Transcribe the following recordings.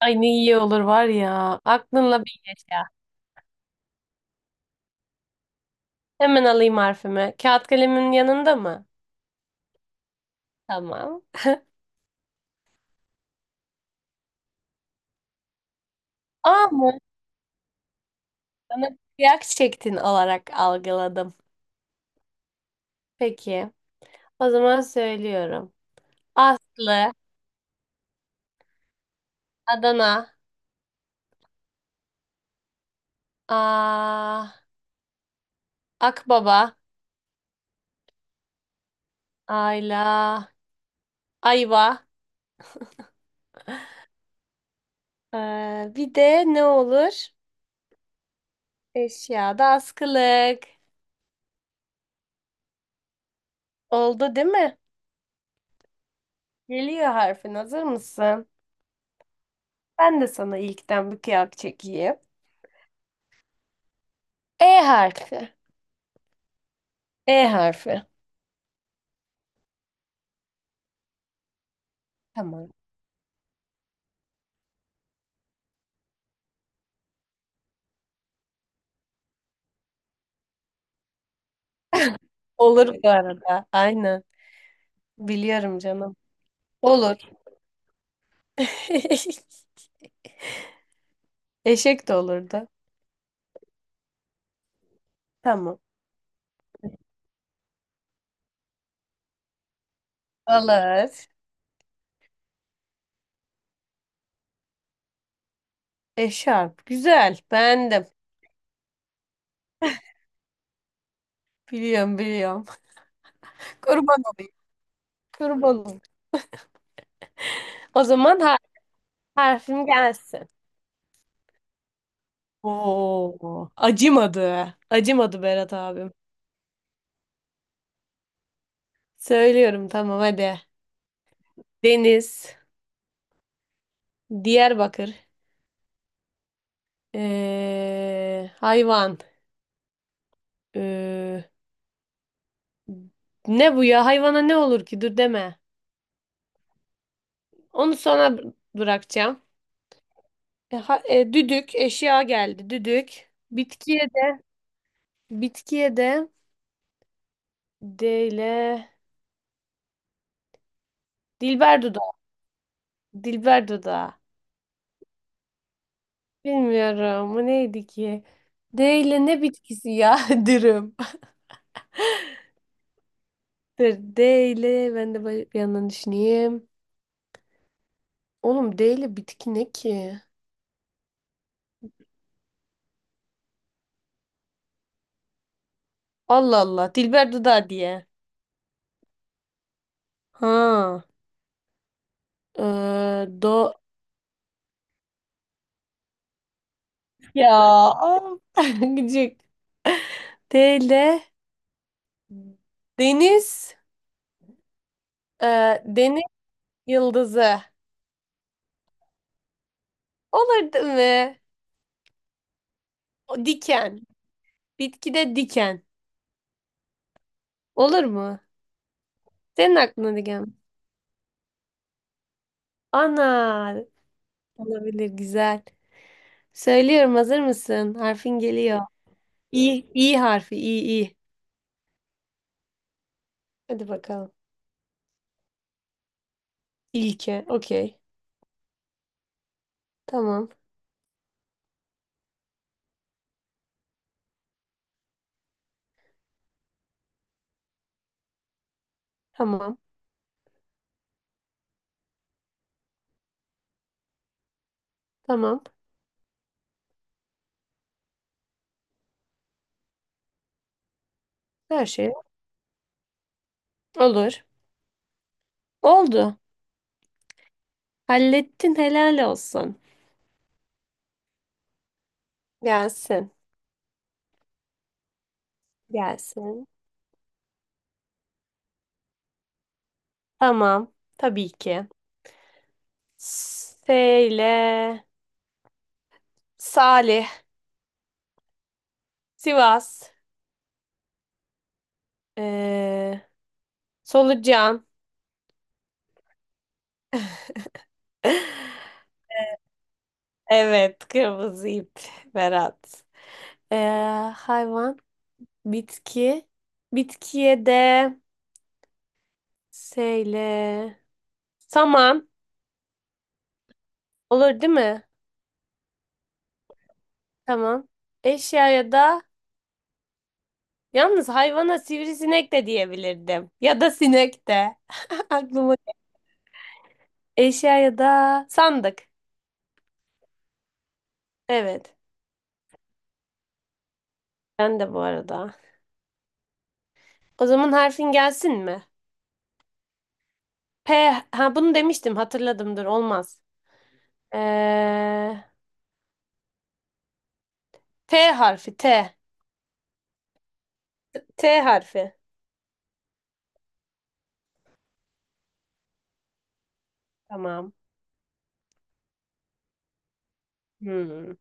Ay ne iyi olur var ya. Aklınla bir yaşa. Hemen alayım harfimi. Kağıt kalemin yanında mı? Tamam. A mı? Bana kıyak çektin olarak algıladım. Peki. O zaman söylüyorum. Aslı, Adana, A, Akbaba, Ayla, Ayva. Bir de ne olur? Eşyada askılık. Oldu değil mi? Geliyor harfin. Hazır mısın? Ben de sana ilkten bir kıyak çekeyim. E harfi. E harfi. Tamam. Olur bu arada. Aynen. Biliyorum canım. Olur. Eşek de olurdu. Tamam. Olur. Eşarp. Güzel. Beğendim. Biliyorum, biliyorum. Kurban olayım. Kurban olayım. O zaman harfim gelsin. Oo. Acımadı. Acımadı Berat abim. Söylüyorum tamam hadi. Deniz. Diyarbakır. Hayvan. Ee, Ne bu ya? Hayvana ne olur ki? Dur deme. Onu sona bırakacağım. Düdük eşya geldi. Düdük. Bitkiye de D ile Dilber dudağı. Dilber dudağı. Bilmiyorum. Bu neydi ki? D ile ne bitkisi ya? Dürüm. Dur, D ile ben de böyle bir yandan düşüneyim. Oğlum D ile bitki ne ki? Allah Allah. Dilber dudağı diye. Ha. Ee, do ya. Gıcık. D ile deniz, e, deniz yıldızı. Olur değil mi? O diken. Bitkide diken. Olur mu? Senin aklına diken mi? Ana. Olabilir, güzel. Söylüyorum, hazır mısın? Harfin geliyor. İ, İ harfi. İ, İ. Hadi bakalım. İlke. Okey. Tamam. Tamam. Tamam. Her şey olur. Oldu. Hallettin, helal olsun. Gelsin. Gelsin. Tamam. Tabii ki. S ile Salih, Sivas, ee, Solucan. Evet, kırmızı ip, Berat. Ee, hayvan, bitki. Bitkiye de S ile saman olur değil mi? Tamam. Eşyaya da, yalnız hayvana sivrisinek de diyebilirdim. Ya da sinek de. Aklıma eşyaya da sandık. Evet. Ben de bu arada. O zaman harfin gelsin mi? P. Ha bunu demiştim, hatırladımdır, olmaz. Ee, T harfi T. T harfi. Tamam. Hmm.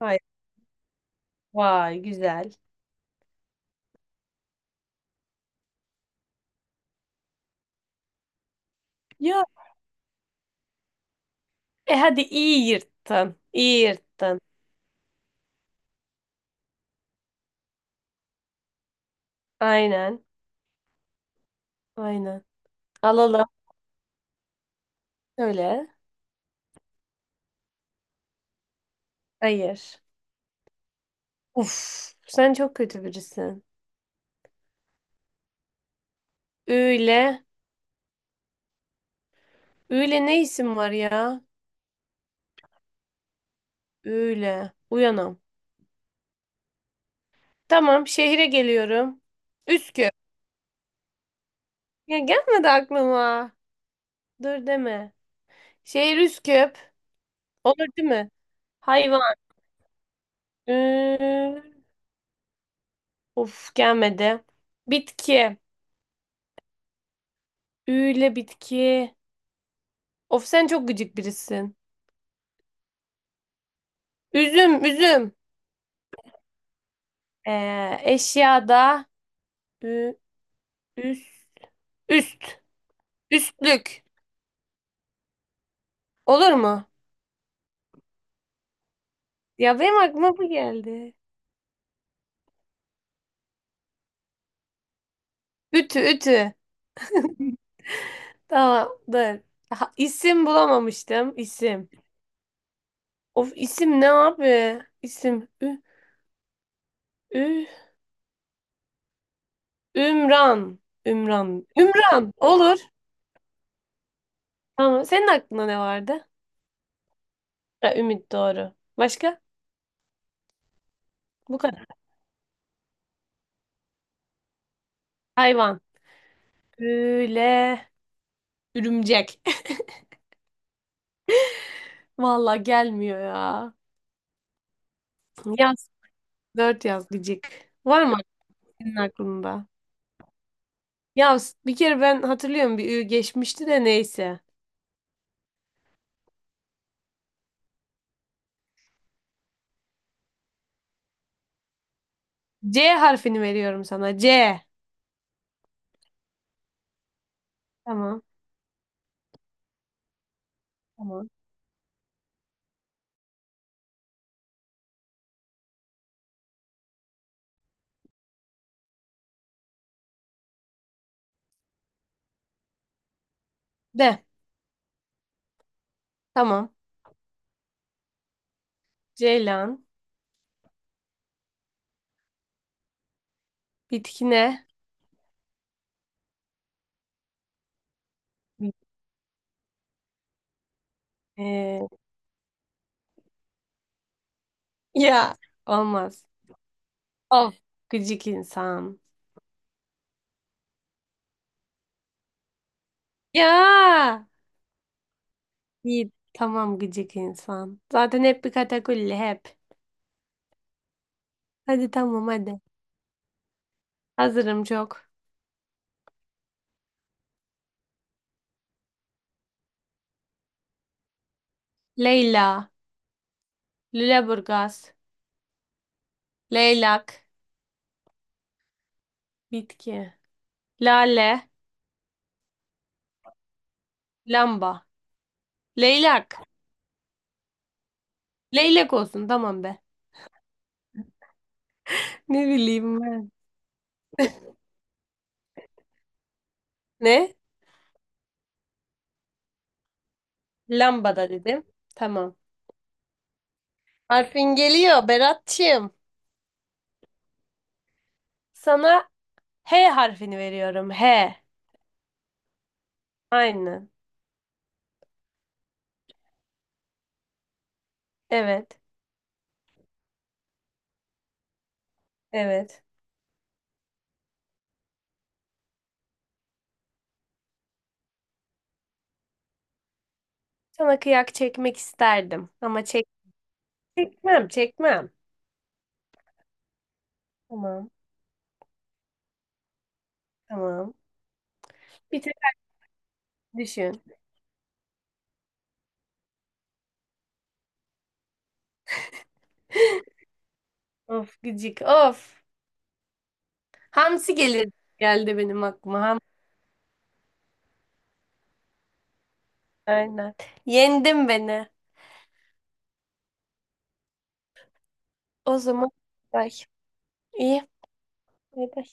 Vay, vay güzel. Ya. E hadi iyi yırttın. İyi yırttın. Aynen. Aynen. Alalım. Öyle. Hayır. Uf. Sen çok kötü birisin. Üyle. Üyle ne isim var ya? Üyle. Uyanam. Tamam, şehire geliyorum. Üsküp. Ya gelmedi aklıma. Dur deme. Şehir Üsküp. Olur değil mi? Hayvan. Ü... Of gelmedi. Bitki. Üyle bitki. Of sen çok gıcık birisin. Üzüm, üzüm. Eşyada. Ü, üst, üst. Üstlük. Olur mu? Ya benim aklıma bu geldi. Ütü, ütü. Tamam, dur. Ha, isim bulamamıştım. İsim. Of isim ne abi? İsim. Ü, ü. Ümran. Ümran. Ümran. Olur. Tamam. Senin aklında ne vardı? Ha, Ümit, doğru. Başka? Bu kadar. Hayvan. Böyle. Ürümcek. Vallahi gelmiyor ya. Yaz. Dört yaz gıcık. Var mı senin aklında? Ya bir kere ben hatırlıyorum bir ü geçmişti de neyse. C harfini veriyorum sana. C. Tamam. Tamam. De. Tamam. Ceylan. Bitki ne? Ee, ya. Olmaz. Of gıcık insan. Ya. İyi, tamam, gıcık insan. Zaten hep bir katakulli hep. Hadi tamam hadi. Hazırım çok. Leyla. Lüleburgaz. Leylak. Bitki. Lale. Lamba. Leylak. Leylak olsun tamam be. Ne bileyim ben. Ne? Lamba da dedim. Tamam. Harfin geliyor Berat'cığım. Sana H harfini veriyorum. H. Aynen. Evet. Evet. Sana kıyak çekmek isterdim ama çekmem, çekmem. Tamam, tamam. Bir tek düşün. Of gıcık, of. Hamsi gelir geldi benim aklıma. Ham. Aynen. Yendin beni. O zaman bay. İyi. Bay bay.